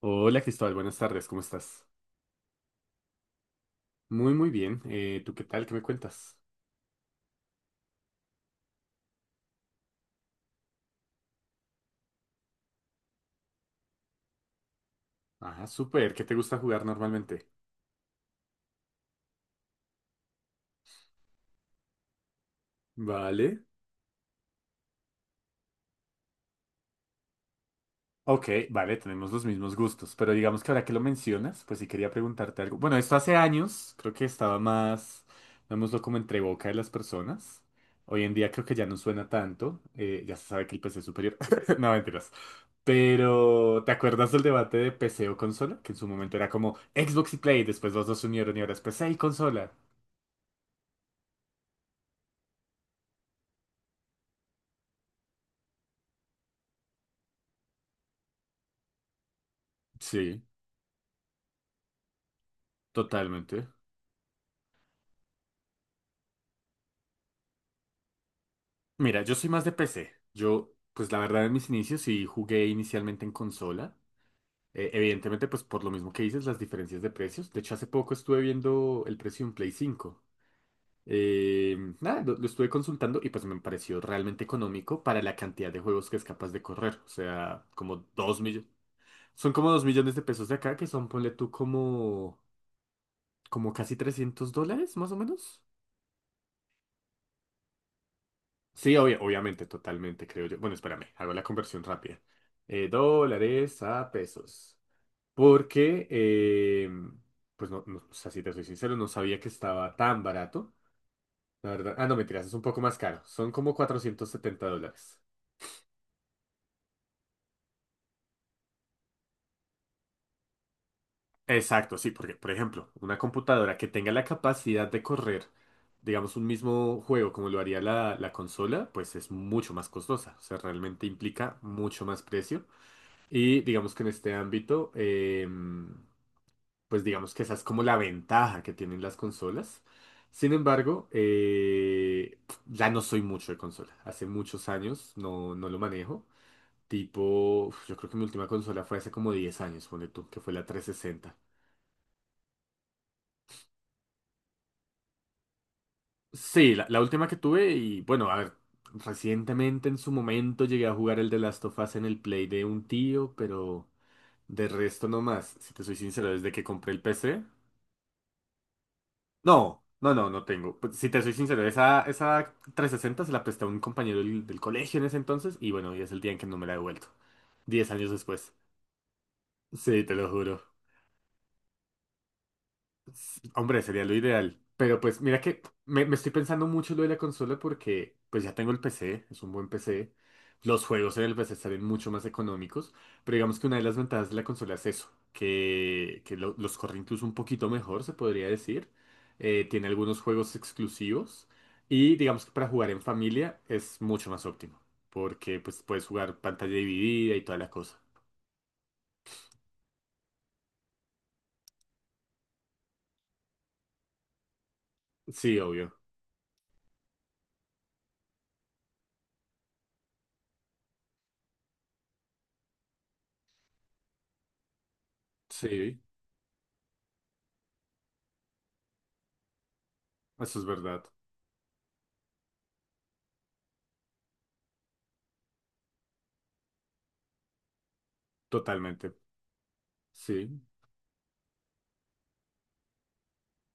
Hola Cristóbal, buenas tardes, ¿cómo estás? Muy, muy bien. ¿Tú qué tal? ¿Qué me cuentas? Ah, súper. ¿Qué te gusta jugar normalmente? Vale. Ok, vale, tenemos los mismos gustos, pero digamos que ahora que lo mencionas, pues sí quería preguntarte algo. Bueno, esto hace años, creo que estaba más, lo como entre boca de las personas. Hoy en día creo que ya no suena tanto, ya se sabe que el PC es superior. No, mentiras. Pero, ¿te acuerdas del debate de PC o consola? Que en su momento era como Xbox y Play, después los dos se unieron y ahora es PC y consola. Sí, totalmente. Mira, yo soy más de PC. Yo, pues la verdad, en mis inicios sí jugué inicialmente en consola. Evidentemente, pues por lo mismo que dices, las diferencias de precios. De hecho, hace poco estuve viendo el precio de un Play 5. Nada, lo estuve consultando y pues me pareció realmente económico para la cantidad de juegos que es capaz de correr. O sea, como 2 millones. Son como 2 millones de pesos de acá, que son, ponle tú, como casi 300 dólares, más o menos. Sí, obviamente, totalmente, creo yo. Bueno, espérame, hago la conversión rápida. Dólares a pesos. Porque, pues no, no, o sea, si te soy sincero, no sabía que estaba tan barato. La verdad, ah, no, mentiras, es un poco más caro. Son como 470 dólares. Exacto, sí, porque, por ejemplo, una computadora que tenga la capacidad de correr, digamos, un mismo juego como lo haría la consola, pues es mucho más costosa. O sea, realmente implica mucho más precio. Y digamos que en este ámbito, pues digamos que esa es como la ventaja que tienen las consolas. Sin embargo, ya no soy mucho de consola. Hace muchos años no, no lo manejo. Tipo, uf, yo creo que mi última consola fue hace como 10 años, ponle tú, que fue la 360. Sí, la última que tuve y bueno, a ver, recientemente en su momento llegué a jugar el de Last of Us en el Play de un tío, pero de resto no más. Si te soy sincero, desde que compré el PC. No, no, no, no tengo. Pues, si te soy sincero, esa 360 se la presté a un compañero del colegio en ese entonces y bueno, y es el día en que no me la he devuelto. 10 años después. Sí, te lo juro. Hombre, sería lo ideal. Pero pues mira que me estoy pensando mucho lo de la consola porque pues ya tengo el PC, es un buen PC. Los juegos en el PC salen mucho más económicos, pero digamos que una de las ventajas de la consola es eso, que los corre incluso un poquito mejor, se podría decir. Tiene algunos juegos exclusivos y digamos que para jugar en familia es mucho más óptimo, porque pues puedes jugar pantalla dividida y toda la cosa. Sí, obvio. Sí, eso es verdad. Totalmente. Sí.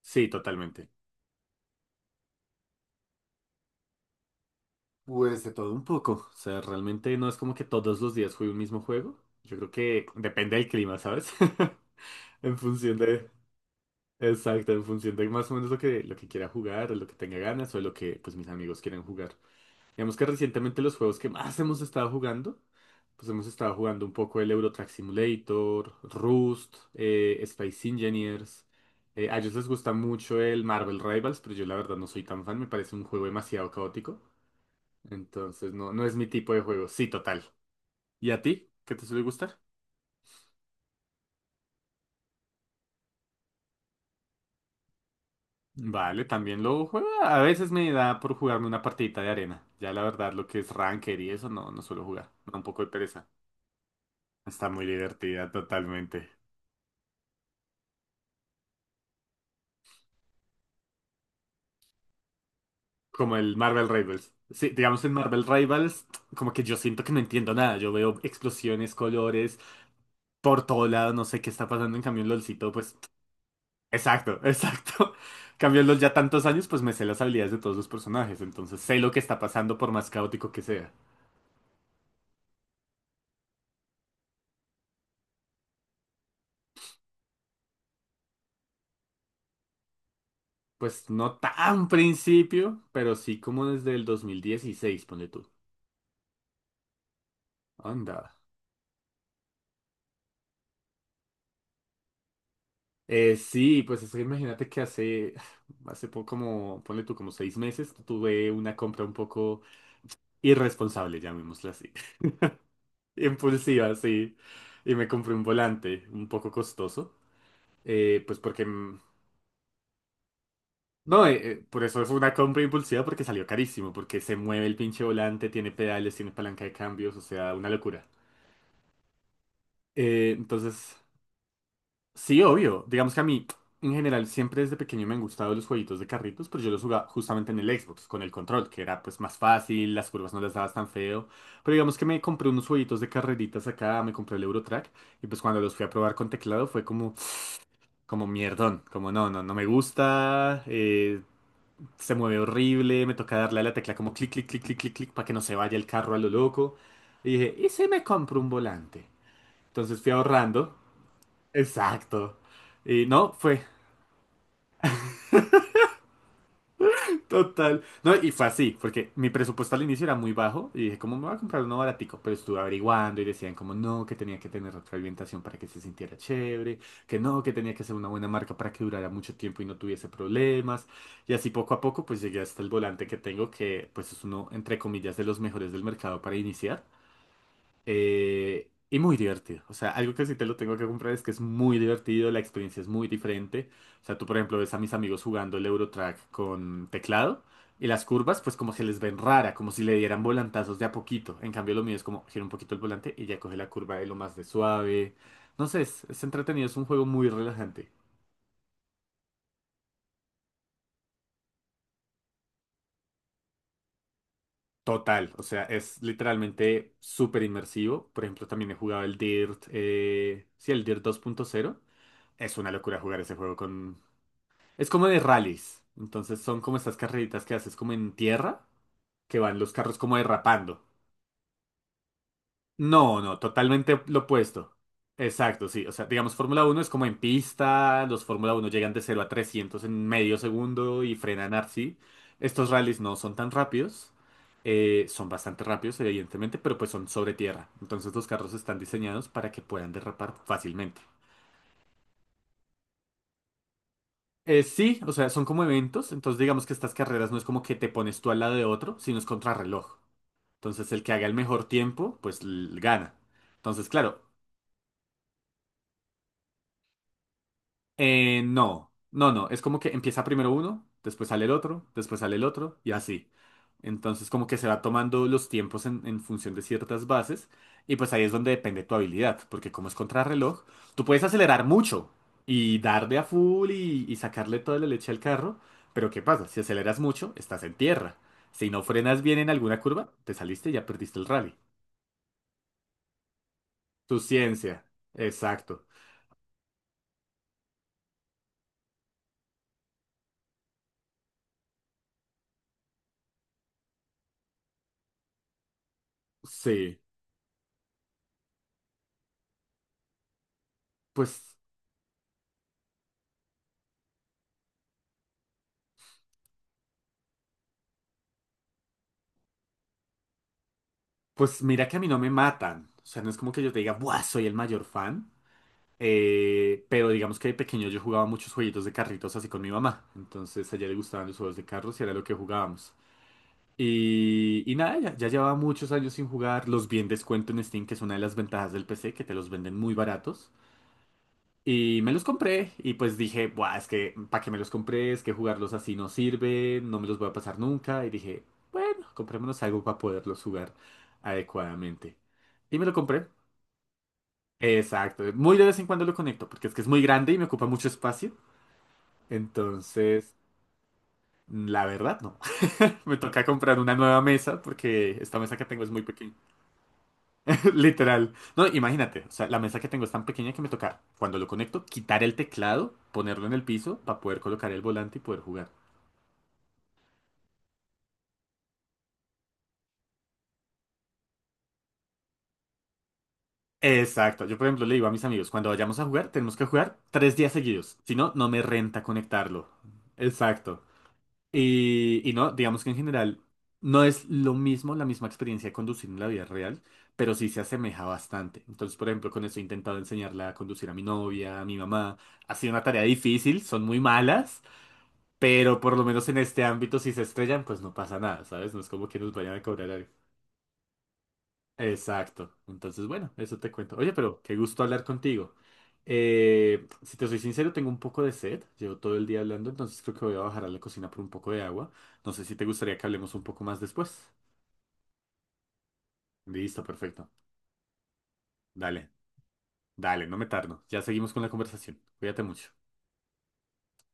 Sí, totalmente. Pues de todo un poco. O sea, realmente no es como que todos los días juegue un mismo juego. Yo creo que depende del clima, ¿sabes? En función de. Exacto, en función de más o menos lo que quiera jugar, o lo que tenga ganas, o lo que pues mis amigos quieran jugar. Digamos que recientemente los juegos que más hemos estado jugando, pues hemos estado jugando un poco el Euro Truck Simulator, Rust, Space Engineers. A ellos les gusta mucho el Marvel Rivals, pero yo la verdad no soy tan fan, me parece un juego demasiado caótico. Entonces, no, no es mi tipo de juego. Sí, total. ¿Y a ti? ¿Qué te suele gustar? Vale, también lo juego. A veces me da por jugarme una partidita de arena. Ya la verdad, lo que es Ranker y eso, no, no suelo jugar. Me da un poco de pereza. Está muy divertida, totalmente. Como el Marvel Rivals. Sí, digamos en Marvel Rivals, como que yo siento que no entiendo nada. Yo veo explosiones, colores, por todo lado, no sé qué está pasando. En cambio, en LOLcito, pues exacto, exacto. Cambio los ya tantos años, pues me sé las habilidades de todos los personajes, entonces sé lo que está pasando por más caótico que sea. Pues no tan principio, pero sí como desde el 2016, ponle tú. Anda. Sí, pues es que imagínate que hace, hace poco, como, ponle tú, como 6 meses, tuve una compra un poco irresponsable, llamémosla así. Impulsiva, sí. Y me compré un volante un poco costoso, pues porque no, por eso fue una compra impulsiva porque salió carísimo, porque se mueve el pinche volante, tiene pedales, tiene palanca de cambios, o sea, una locura. Entonces, sí, obvio, digamos que a mí, en general, siempre desde pequeño me han gustado los jueguitos de carritos, pero yo los jugaba justamente en el Xbox, con el control, que era pues más fácil, las curvas no las dabas tan feo, pero digamos que me compré unos jueguitos de carreritas acá, me compré el Eurotrack, y pues cuando los fui a probar con teclado fue como mierdón, como no, no, no me gusta. Se mueve horrible, me toca darle a la tecla como clic, clic, clic, clic, clic, clic, para que no se vaya el carro a lo loco. Y dije, ¿y si me compro un volante? Entonces fui ahorrando. Exacto. Y no, fue. Total. No, y fue así, porque mi presupuesto al inicio era muy bajo y dije, ¿cómo me voy a comprar uno baratico? Pero estuve averiguando y decían como no, que tenía que tener retroalimentación para que se sintiera chévere, que no, que tenía que ser una buena marca para que durara mucho tiempo y no tuviese problemas. Y así poco a poco pues llegué hasta el volante que tengo, que pues es uno, entre comillas, de los mejores del mercado para iniciar. Y muy divertido. O sea, algo que sí te lo tengo que comprar es que es muy divertido, la experiencia es muy diferente. O sea, tú, por ejemplo, ves a mis amigos jugando el Eurotrack con teclado y las curvas, pues como se les ven rara, como si le dieran volantazos de a poquito. En cambio, lo mío es como gira un poquito el volante y ya coge la curva de lo más de suave. No sé, es entretenido, es un juego muy relajante. Total, o sea, es literalmente súper inmersivo. Por ejemplo, también he jugado el Dirt, sí, el Dirt 2.0. Es una locura jugar ese juego con. Es como de rallies. Entonces son como estas carreritas que haces como en tierra, que van los carros como derrapando. No, no, totalmente lo opuesto. Exacto, sí. O sea, digamos, Fórmula 1 es como en pista, los Fórmula 1 llegan de 0 a 300 en medio segundo y frenan así. Estos rallies no son tan rápidos, son bastante rápidos, evidentemente, pero pues son sobre tierra. Entonces los carros están diseñados para que puedan derrapar fácilmente. Sí, o sea, son como eventos, entonces digamos que estas carreras no es como que te pones tú al lado de otro, sino es contrarreloj. Entonces el que haga el mejor tiempo, pues gana. Entonces, claro, no, no, no. Es como que empieza primero uno, después sale el otro, después sale el otro y así. Entonces como que se va tomando los tiempos en función de ciertas bases y pues ahí es donde depende tu habilidad, porque como es contrarreloj, tú puedes acelerar mucho y darle a full y sacarle toda la leche al carro, pero ¿qué pasa? Si aceleras mucho, estás en tierra. Si no frenas bien en alguna curva, te saliste y ya perdiste el rally. Tu ciencia. Exacto. Sí, pues Pues mira que a mí no me matan. O sea, no es como que yo te diga, ¡buah! Soy el mayor fan. Pero digamos que de pequeño yo jugaba muchos jueguitos de carritos así con mi mamá. Entonces a ella le gustaban los juegos de carros y era lo que jugábamos. Y nada, ya, ya llevaba muchos años sin jugar. Los vi en descuento en Steam, que es una de las ventajas del PC, que te los venden muy baratos. Y me los compré y pues dije, buah, es que para qué me los compré, es que jugarlos así no sirve, no me los voy a pasar nunca. Y dije, bueno, comprémonos algo para poderlos jugar adecuadamente. Y me lo compré. Exacto. Muy de vez en cuando lo conecto, porque es que es muy grande y me ocupa mucho espacio. Entonces, la verdad, no. Me toca comprar una nueva mesa, porque esta mesa que tengo es muy pequeña. Literal. No, imagínate, o sea, la mesa que tengo es tan pequeña que me toca, cuando lo conecto, quitar el teclado, ponerlo en el piso para poder colocar el volante y poder jugar. Exacto. Yo, por ejemplo, le digo a mis amigos, cuando vayamos a jugar, tenemos que jugar 3 días seguidos. Si no, no me renta conectarlo. Exacto. Y no, digamos que en general no es lo mismo, la misma experiencia de conducir en la vida real, pero sí se asemeja bastante. Entonces, por ejemplo, con eso he intentado enseñarla a conducir a mi novia, a mi mamá. Ha sido una tarea difícil, son muy malas. Pero por lo menos en este ámbito, si se estrellan, pues no pasa nada, ¿sabes? No es como que nos vayan a cobrar algo. Exacto. Entonces, bueno, eso te cuento. Oye, pero qué gusto hablar contigo. Si te soy sincero, tengo un poco de sed. Llevo todo el día hablando, entonces creo que voy a bajar a la cocina por un poco de agua. No sé si te gustaría que hablemos un poco más después. Listo, perfecto. Dale, dale, no me tardo. Ya seguimos con la conversación. Cuídate mucho.